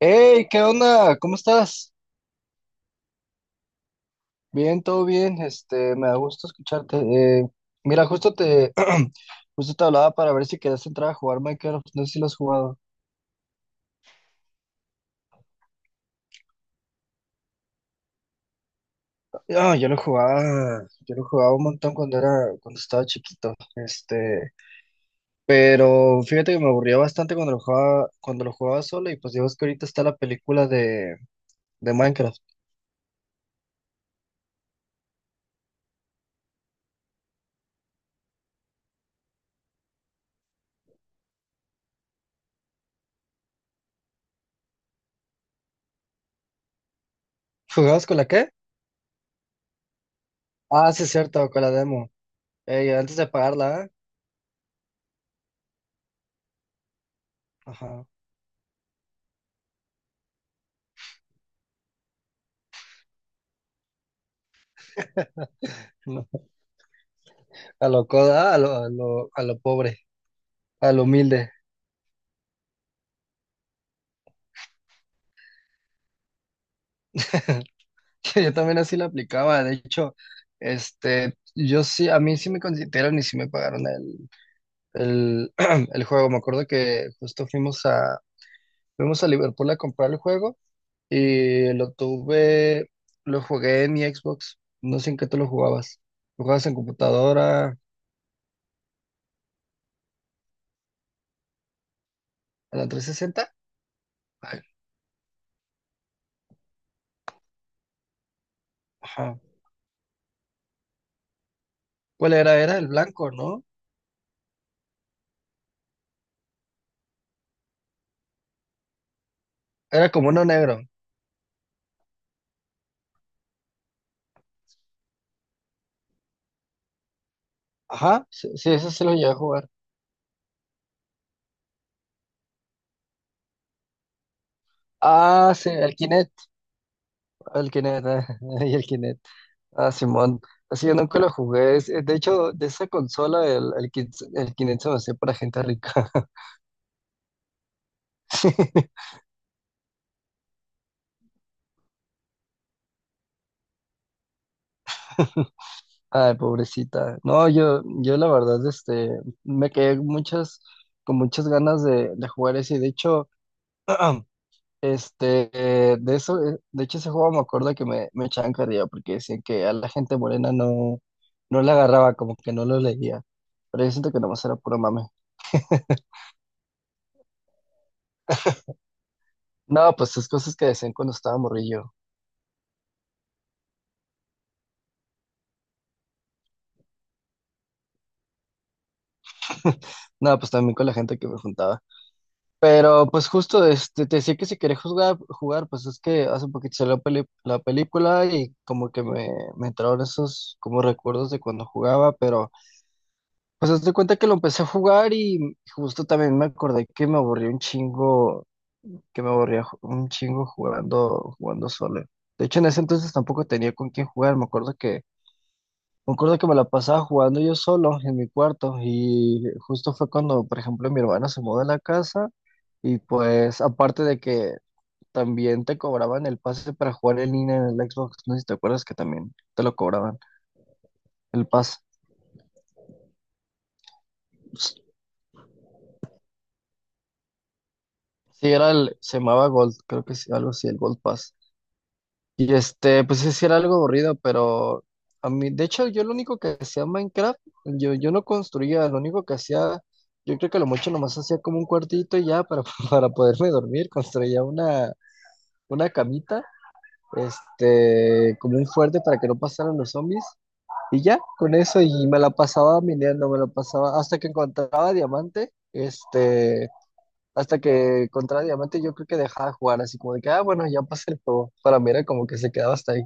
Hey, ¿qué onda? ¿Cómo estás? Bien, todo bien. Este, me da gusto escucharte. Mira, justo te hablaba para ver si querías entrar a jugar Minecraft. No sé si lo has jugado. Ah, yo lo jugaba un montón cuando estaba chiquito. Este, pero fíjate que me aburría bastante cuando lo jugaba solo y pues digo, es que ahorita está de Minecraft. ¿Jugabas con la qué? Ah, sí, es cierto, con la demo. Ey, antes de pagarla, ¿eh? Ajá. A lo pobre, a lo humilde. Yo también así lo aplicaba. De hecho, este, yo sí, a mí sí me consideraron y sí me pagaron el, el juego. Me acuerdo que fuimos a Liverpool a comprar el juego y lo jugué en mi Xbox. No sé en qué tú lo jugabas. ¿Lo jugabas en computadora, en la 360? Ay, ajá. ¿Cuál era? Era el blanco, ¿no? Era como uno negro. Ajá, sí, sí, ese sí lo llegué a jugar. Ah, sí, el Kinect, y el Kinect. Ah, Simón. Así yo nunca lo jugué. De hecho, de esa consola, el Kinect se me hacía para gente rica. Sí. Ay, pobrecita. No, yo la verdad, este, me quedé muchas, con muchas ganas de jugar ese. De hecho, Este, de hecho ese juego me acuerdo que me echaban carrilla porque decían que a la gente morena no le agarraba, como que no lo leía. Pero yo siento que nomás era puro mame. No, pues esas cosas que decían cuando estaba morrillo. No, pues también con la gente que me juntaba. Pero pues justo este, te decía que si querés jugar, pues es que hace poquito salió la película y como que me entraron esos como recuerdos de cuando jugaba, pero pues haz de cuenta que lo empecé a jugar y justo también me acordé que me aburrí un chingo, que me aburría un chingo jugando solo. De hecho, en ese entonces tampoco tenía con quién jugar. Me acuerdo que me la pasaba jugando yo solo en mi cuarto. Y justo fue cuando, por ejemplo, mi hermana se mudó a la casa. Y pues, aparte de que también te cobraban el pase para jugar en línea en el Xbox, no sé si te acuerdas que también te lo cobraban, el pase. Sí, era se llamaba Gold, creo que sí, algo así, el Gold Pass. Y este, pues sí era algo aburrido, pero a mí, de hecho, yo lo único que hacía en Minecraft, yo no construía, lo único que hacía, yo creo que lo mucho nomás hacía como un cuartito y ya para poderme dormir, una camita, este, como un fuerte para que no pasaran los zombies, y ya, con eso, y me la pasaba minando, me la pasaba hasta que encontraba diamante, este, hasta que encontraba diamante, yo creo que dejaba de jugar, así como de que, ah, bueno, ya pasé el juego, para mí era como que se quedaba hasta ahí.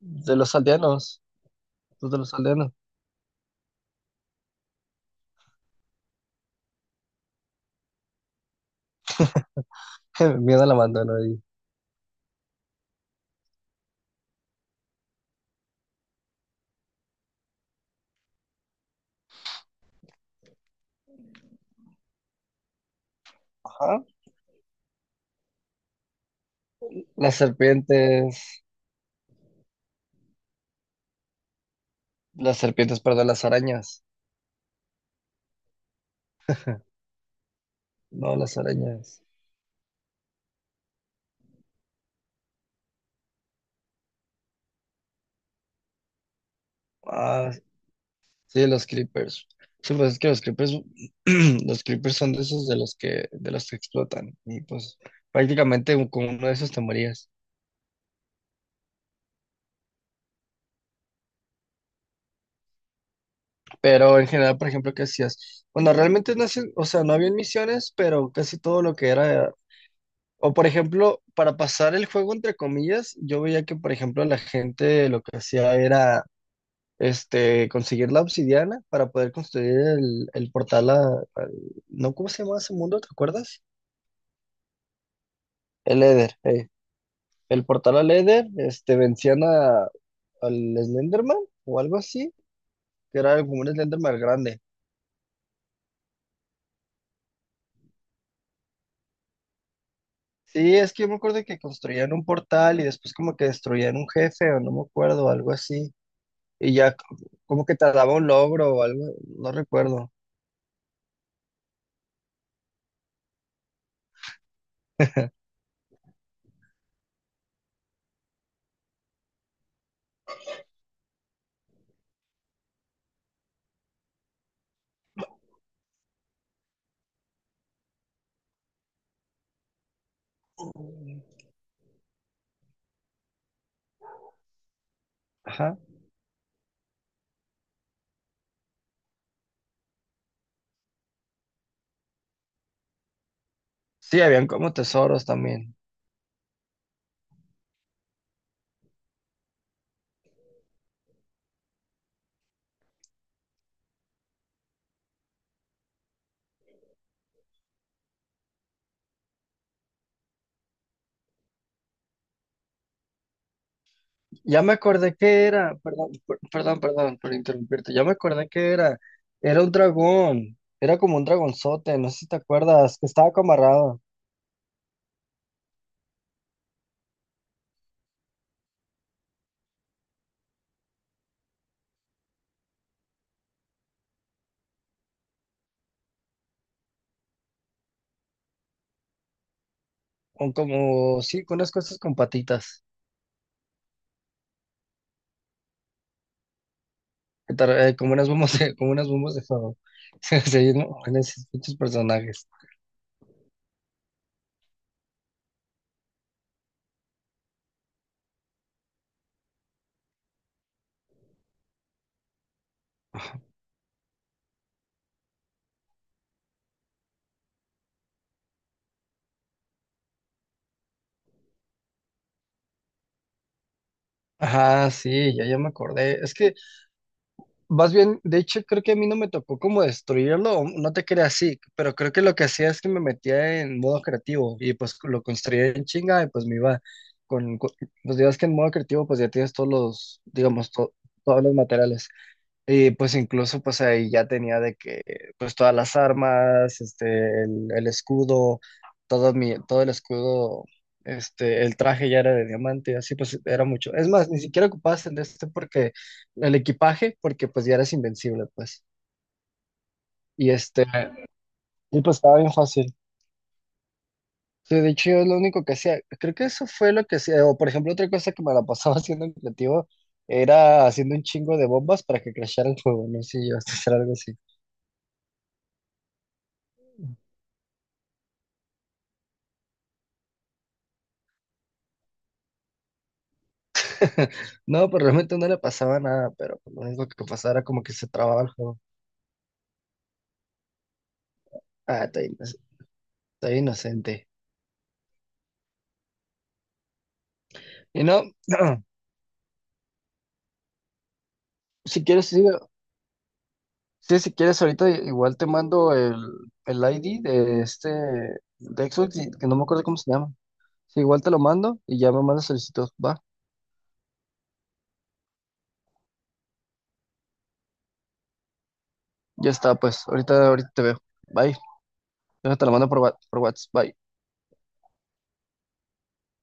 De los aldeanos, los de los aldeanos. Miedo al abandono ahí. Ajá. Las serpientes, las serpientes, perdón, las arañas. No, las arañas. Ah, sí, los creepers. Sí, pues es que los creepers, los creepers son de esos de los que explotan. Y pues prácticamente con uno de esos te morías. Pero en general, por ejemplo, ¿qué hacías? Bueno, realmente o sea, no había misiones, pero casi todo lo que era, o por ejemplo, para pasar el juego entre comillas, yo veía que, por ejemplo, la gente lo que hacía era este, conseguir la obsidiana para poder construir el portal al- ¿no? ¿Cómo se llamaba ese mundo? ¿Te acuerdas? El Eder, eh. El portal al Eder, este, vencían a, al Slenderman o algo así, que era como un Slenderman grande. Sí, es que yo me acuerdo que construían un portal y después como que destruían un jefe o no me acuerdo, algo así. Y ya c- como que te daba un logro o algo, no recuerdo. Ajá. Sí, habían como tesoros también. Ya me acordé que era, perdón, perdón por interrumpirte, ya me acordé que era, era un dragón, era como un dragonzote, no sé si te acuerdas, que estaba camarado, con como, sí, con unas cosas con patitas, como unas como unas bombas de fuego. Sí, ¿no? Con esos pinches personajes. Ajá, sí, ya me acordé. Es que, más bien, de hecho, creo que a mí no me tocó como destruirlo, o no te creas así, pero creo que lo que hacía es que me metía en modo creativo y pues lo construía en chinga y pues me iba con, con- pues digas que en modo creativo pues ya tienes todos los, digamos, todos los materiales. Y pues incluso pues ahí ya tenía de que pues todas las armas, este, el escudo, todo el escudo, este, el traje ya era de diamante, así pues era mucho. Es más, ni siquiera ocupabas el de este porque, el equipaje, porque pues ya eras invencible, pues. Y este, y pues estaba bien fácil. Sí, de hecho yo es lo único que hacía, creo que eso fue lo que hacía, o por ejemplo otra cosa que me la pasaba haciendo en creativo, era haciendo un chingo de bombas para que crashara el juego, no sé si yo a hacer algo así. No, pero realmente no le pasaba nada, pero pues, lo único que pasaba era como que se trababa el juego. Ah, está inocente. Y no, si quieres, sí, sí, si quieres, ahorita igual te mando el ID de este, de Xbox, que no me acuerdo cómo se llama. Sí, igual te lo mando y ya me mandas solicitud, va. Ya está, pues, ahorita te veo. Bye. Yo te lo mando por, por WhatsApp. Bye.